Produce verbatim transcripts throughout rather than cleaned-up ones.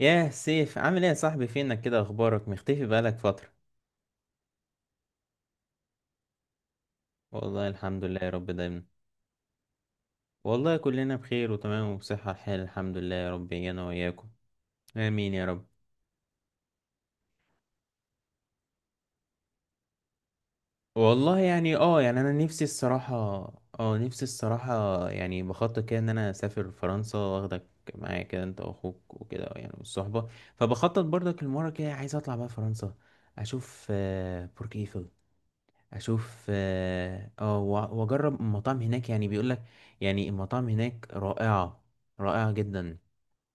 ياه سيف، عامل ايه يا صاحبي؟ فينك كده؟ اخبارك مختفي بقالك فترة. والله الحمد لله يا رب دايما. والله كلنا بخير وتمام وبصحة الحال، الحمد لله، يا رب انا وياكم. امين يا رب. والله يعني اه يعني انا نفسي الصراحة. اه نفسي الصراحة، يعني بخطط كده ان انا اسافر فرنسا واخدك معايا كده، انت واخوك وكده، يعني والصحبة. فبخطط برضك المرة كده، عايز اطلع بقى فرنسا. اشوف آه، برج ايفل. اشوف اه آه، وأ- واجرب المطاعم هناك، يعني بيقولك، يعني المطاعم هناك رائعة. رائعة جدا.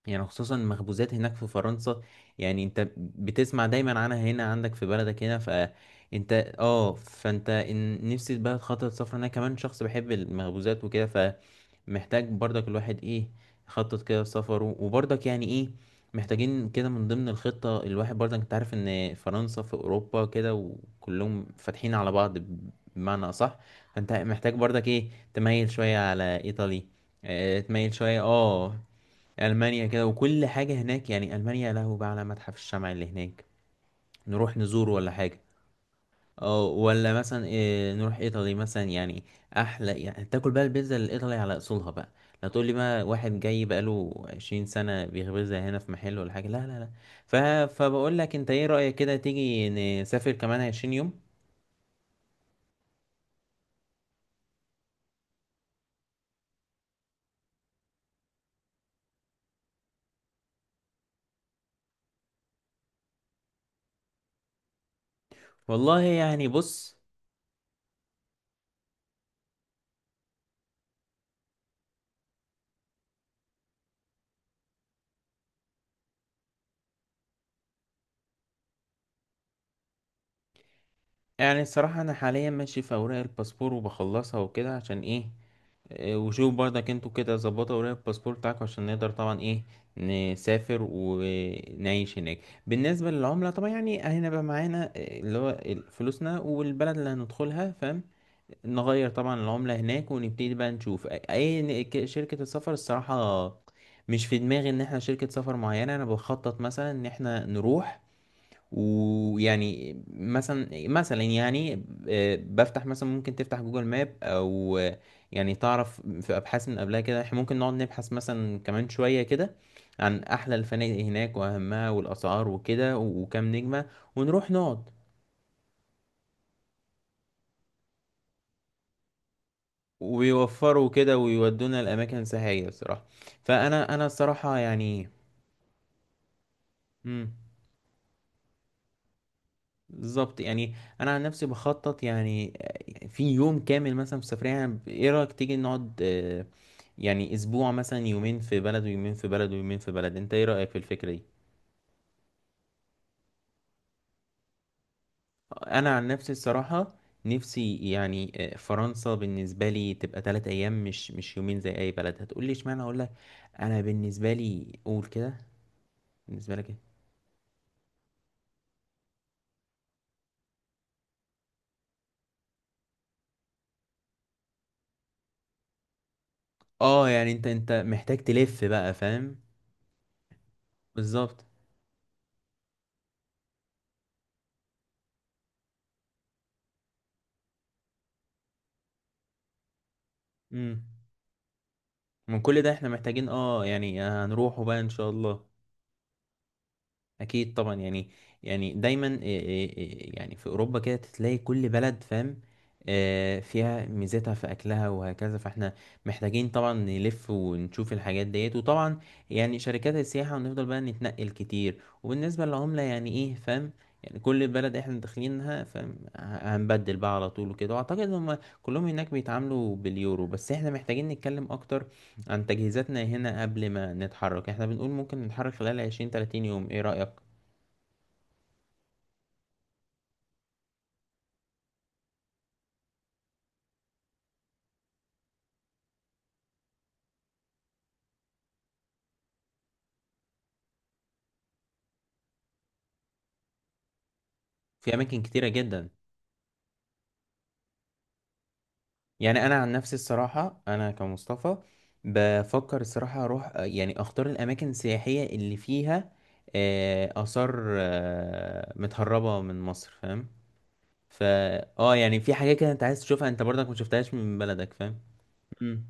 يعني خصوصا المخبوزات هناك في فرنسا. يعني انت بتسمع دايما عنها هنا عندك في بلدك هنا، فانت اه فانت ان- نفسي بقى خطوة سفر، انا كمان شخص بحب المخبوزات وكده. فمحتاج برضك الواحد ايه، يخطط كده سفره، وبرضك يعني ايه، محتاجين كده من ضمن الخطة، الواحد برضك انت عارف ان فرنسا في اوروبا كده، وكلهم فاتحين على بعض، بمعنى اصح. فانت محتاج برضك ايه، تميل شوية على ايطالي. اه تميل شوية اه ألمانيا كده وكل حاجة هناك، يعني ألمانيا له بقى على متحف الشمع اللي هناك، نروح نزوره ولا حاجة. أو ولا مثلا إيه نروح إيطالي مثلا، يعني أحلى، يعني تاكل بقى البيتزا الإيطالي على أصولها بقى. لا تقول لي بقى واحد جاي بقاله عشرين سنة بيخبزها هنا في محل ولا حاجة، لا لا لا. ف... فبقول لك، أنت إيه رأيك كده تيجي نسافر كمان عشرين يوم؟ والله يعني بص، يعني الصراحة أنا حاليا ماشي في أوراق الباسبور وبخلصها وكده، عشان إيه، إيه، وشوف برضك انتوا كده ظبطوا ورق الباسبور بتاعكم عشان نقدر طبعا ايه، نسافر ونعيش هناك. بالنسبة للعملة طبعا، يعني هنبقى معانا إيه، اللي هو ال- فلوسنا، والبلد اللي هندخلها فاهم. نغير طبعا العملة هناك، ونبتدي بقى نشوف آه، اي ن- ك- شركة السفر. الصراحة مش في دماغي ان احنا شركة سفر معينة، انا بخطط مثلا ان احنا نروح. ويعني مثلا مثلا يعني، آه، بفتح مثلا، ممكن تفتح جوجل ماب او آه، يعني تعرف، في ابحاث من قبلها كده، احنا ممكن نقعد نبحث مثلا كمان شوية كده عن احلى الفنادق هناك واهمها، والاسعار وكده، وكام نجمة. ونروح نقعد، ويوفروا كده ويودونا الاماكن السياحية بصراحة. فانا انا الصراحة يعني. مم. بالظبط يعني. انا عن نفسي بخطط يعني آه، في يوم كامل مثلا في سفرية، يعني ب- ايه رأيك تيجي نقعد آه، يعني اسبوع مثلا، يومين في بلد ويومين في بلد ويومين في بلد، انت ايه رأيك في الفكرة دي؟ انا عن نفسي الصراحة، نفسي يعني، آه، فرنسا بالنسبة لي تبقى تلات ايام، مش مش يومين زي اي بلد، هتقولي اشمعنى، اقول لك، انا بالنسبة لي قول كده. بالنسبة لك ايه؟ اه يعني انت انت محتاج تلف بقى فاهم. بالظبط. امم. من كل ده احنا محتاجين اه يعني هنروحه بقى ان شاء الله. اكيد طبعا يعني، يعني دايما إيه- إيه- إيه يعني في اوروبا كده تلاقي كل بلد فاهم، آه، فيها ميزتها في اكلها وهكذا، فاحنا محتاجين طبعا نلف ونشوف الحاجات ديت، وطبعا يعني شركات السياحة، ونفضل بقى نتنقل كتير، وبالنسبة للعملة يعني ايه فاهم، يعني كل بلد احنا داخلينها فاهم، ه- هنبدل بقى على طول وكده، واعتقد هم كلهم هناك بيتعاملوا باليورو، بس احنا محتاجين نتكلم اكتر عن تجهيزاتنا هنا قبل ما نتحرك، احنا بنقول ممكن نتحرك خلال عشرين تلاتين يوم، ايه رأيك؟ في اماكن كتيرة جدا. يعني انا عن نفسي الصراحة، انا كمصطفى بفكر الصراحة اروح آه، يعني اختار الاماكن السياحية اللي فيها آه، اثار آه، متهربة من مصر، فاهم. فا اه يعني في حاجات كده انت عايز تشوفها، انت برضك ما شفتهاش من بلدك فاهم. مم.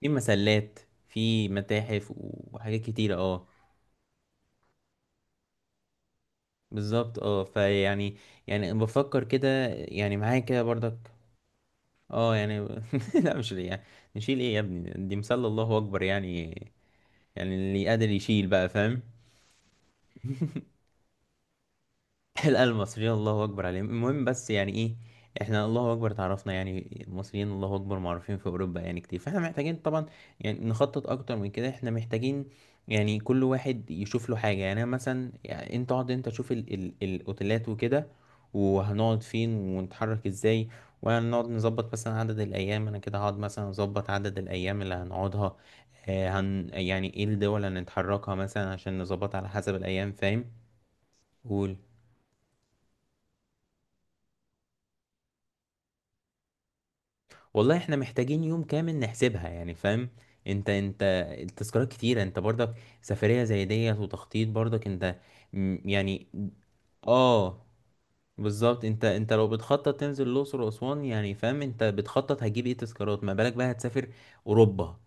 في مسلات، في متاحف، وحاجات كتيرة اه بالظبط، اه فيعني، يعني بفكر كده، يعني معايا كده برضك. اه يعني لا مش ليه يعني، نشيل ايه يا ابني، دي مسلة، الله اكبر يعني، يعني اللي قادر يشيل بقى فاهم. لا، المصريين الله اكبر عليهم، المهم بس يعني ايه، احنا الله اكبر تعرفنا، يعني المصريين الله اكبر معروفين في اوروبا يعني كتير، فاحنا محتاجين طبعا يعني نخطط اكتر من كده. احنا محتاجين يعني كل واحد يشوف له حاجه، يعني انا مثلا، يعني انت اقعد، انت شوف ال ال الاوتيلات وكده، وهنقعد فين ونتحرك ازاي، وهنقعد نظبط مثلا عدد الايام. انا كده هقعد مثلا اظبط عدد الايام اللي هنقعدها، آه، هن يعني ايه الدول اللي هنتحركها مثلا عشان نظبطها على حسب الايام فاهم. والله احنا محتاجين يوم كامل نحسبها يعني فاهم. انت انت التذكارات كتيرة، انت برضك سفرية زي ديت وتخطيط برضك، انت م- يعني. اه بالظبط، انت انت لو بتخطط تنزل الأقصر وأسوان، يعني فاهم، انت بتخطط هتجيب ايه تذكارات، ما بالك بقى هتسافر أوروبا.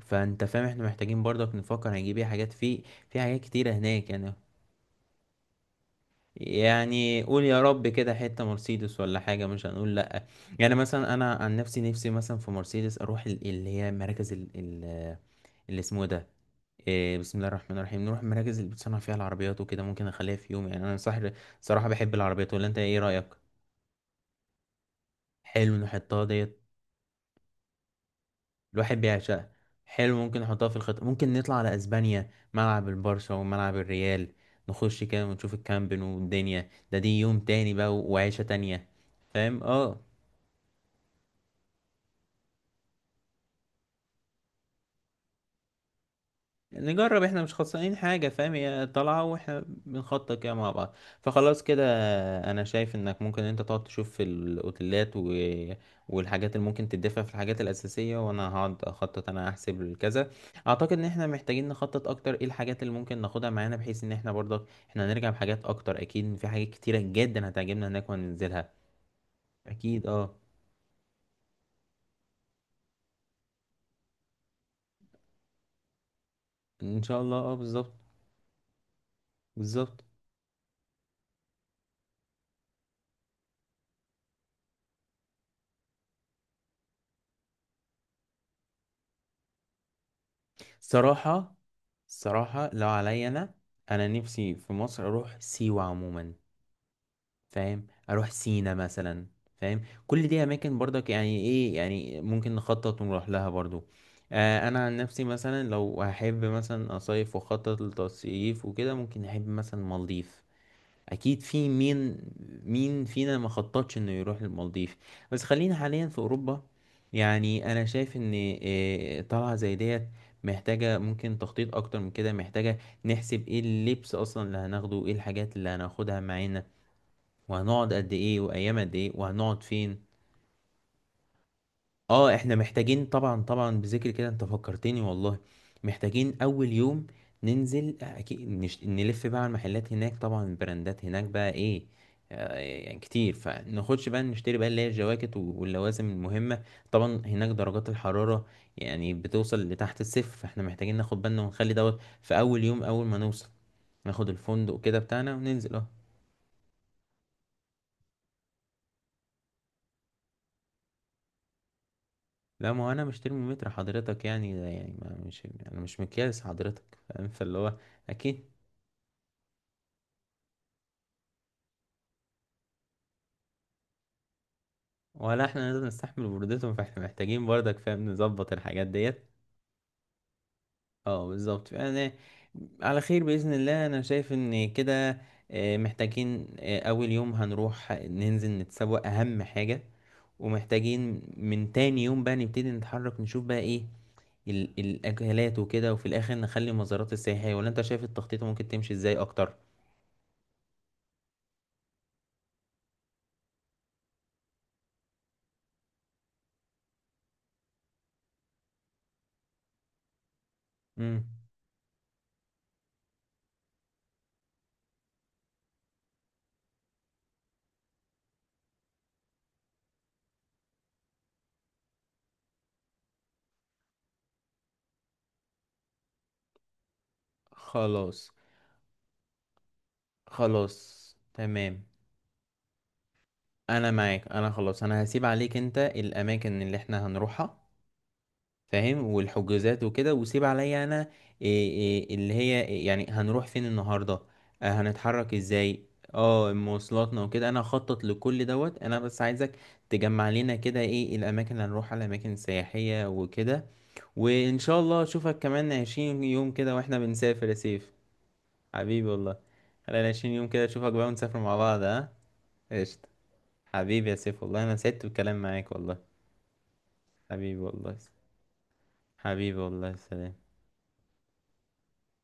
فانت فاهم، احنا محتاجين برضك نفكر هنجيب ايه حاجات، في في حاجات كتيرة هناك يعني. يعني قول يا رب كده حتة مرسيدس ولا حاجة، مش هنقول لأ. يعني مثلا أنا عن نفسي، نفسي مثلا في مرسيدس أروح ال- اللي هي مراكز ال- ال- اللي اسمه ده، إيه، بسم الله الرحمن الرحيم، نروح المراكز اللي بتصنع فيها العربيات وكده، ممكن أخليها في يوم يعني. أنا صح، صراحة بحب العربيات، ولا أنت إيه رأيك؟ حلو نحطها ديت. الواحد بيعشقها. حلو، ممكن نحطها في الخطة، ممكن نطلع على أسبانيا، ملعب البرشا وملعب الريال، نخش كده ونشوف الكامب نو والدنيا. ده دي يوم تاني بقى وعيشة تانية. فاهم، اه، نجرب، احنا مش خسرانين حاجة فاهم، هي طالعة واحنا بنخطط كده مع بعض. فخلاص كده، انا شايف انك ممكن انت تقعد تشوف في الاوتيلات و... والحاجات اللي ممكن تدفع في الحاجات الاساسية، وانا هقعد اخطط، انا احسب الكذا. اعتقد ان احنا محتاجين نخطط اكتر ايه الحاجات اللي ممكن ناخدها معانا، بحيث ان احنا برضك احنا هنرجع بحاجات اكتر، اكيد في حاجات كتيرة جدا هتعجبنا هناك وهننزلها. اكيد اه. ان شاء الله، اه بالظبط. بالظبط. صراحة. صراحة لو عليا أنا، أنا نفسي في مصر أروح سيوة عموما، فاهم، أروح سينا مثلا، فاهم كل دي أماكن برضك، يعني إيه يعني ممكن نخطط ونروح لها برضو. آه أنا عن نفسي مثلا لو هحب مثلا أصيف وأخطط للتصيف وكده، ممكن أحب مثلا مالديف. اكيد، في مين مين فينا ما خططش انه يروح للمالديف؟ بس خلينا حاليا في اوروبا. يعني انا شايف ان إيه، طلعه زي ديت محتاجه، ممكن تخطيط اكتر من كده، محتاجه نحسب ايه اللبس اصلا اللي هناخده، ايه الحاجات اللي هناخدها معانا، وهنقعد قد ايه، وايام قد ايه، وهنقعد فين. اه احنا محتاجين، طبعا طبعا بذكر كده انت فكرتني والله. محتاجين اول يوم ننزل اكيد، نش... نلف بقى على المحلات هناك، طبعا البراندات هناك بقى ايه، آه، يعني كتير، فناخدش بقى نشتري بقى اللي هي الجواكت و- واللوازم المهمة. طبعا هناك درجات الحرارة يعني بتوصل لتحت الصفر، فاحنا محتاجين ناخد بالنا، ونخلي دوت في اول يوم اول ما نوصل، ناخد الفندق كده بتاعنا وننزل اه لا، ما هو انا مش ترمومتر حضرتك يعني، ده يعني ما مش انا مش مقياس حضرتك فاهم، فاللي هو، اكيد، ولا احنا نقدر نستحمل برودتهم، فاحنا محتاجين برضك فاهم نظبط الحاجات ديت. اه بالظبط، فانا على خير بإذن الله. انا شايف ان كده آه، محتاجين آه، اول يوم هنروح ننزل نتسوق اهم حاجة، ومحتاجين من تاني يوم بقى نبتدي نتحرك نشوف بقى ايه ال- الاكلات وكده، وفي الاخر نخلي مزارات السياحية، ولا انت شايف التخطيط ممكن تمشي ازاي اكتر؟ امم. خلاص. خلاص. تمام. انا معاك، انا خلاص، انا هسيب عليك انت الاماكن اللي احنا هنروحها فاهم، والحجوزات وكده، وسيب عليا انا إيه إيه اللي هي إيه يعني هنروح فين النهارده، آه هنتحرك ازاي، اه مواصلاتنا وكده. انا هخطط لكل دوت، انا بس عايزك تجمع لنا كده ايه الاماكن اللي هنروحها، الاماكن السياحية وكده. وان شاء الله اشوفك كمان عشرين يوم كده واحنا بنسافر يا سيف. حبيبي والله. خلينا عشرين يوم كده، اشوفك بقى ونسافر مع بعض، ها؟ قشطة. حبيبي يا سيف، والله انا سعدت بالكلام معاك والله. حبيبي والله. حبيبي والله، سلام.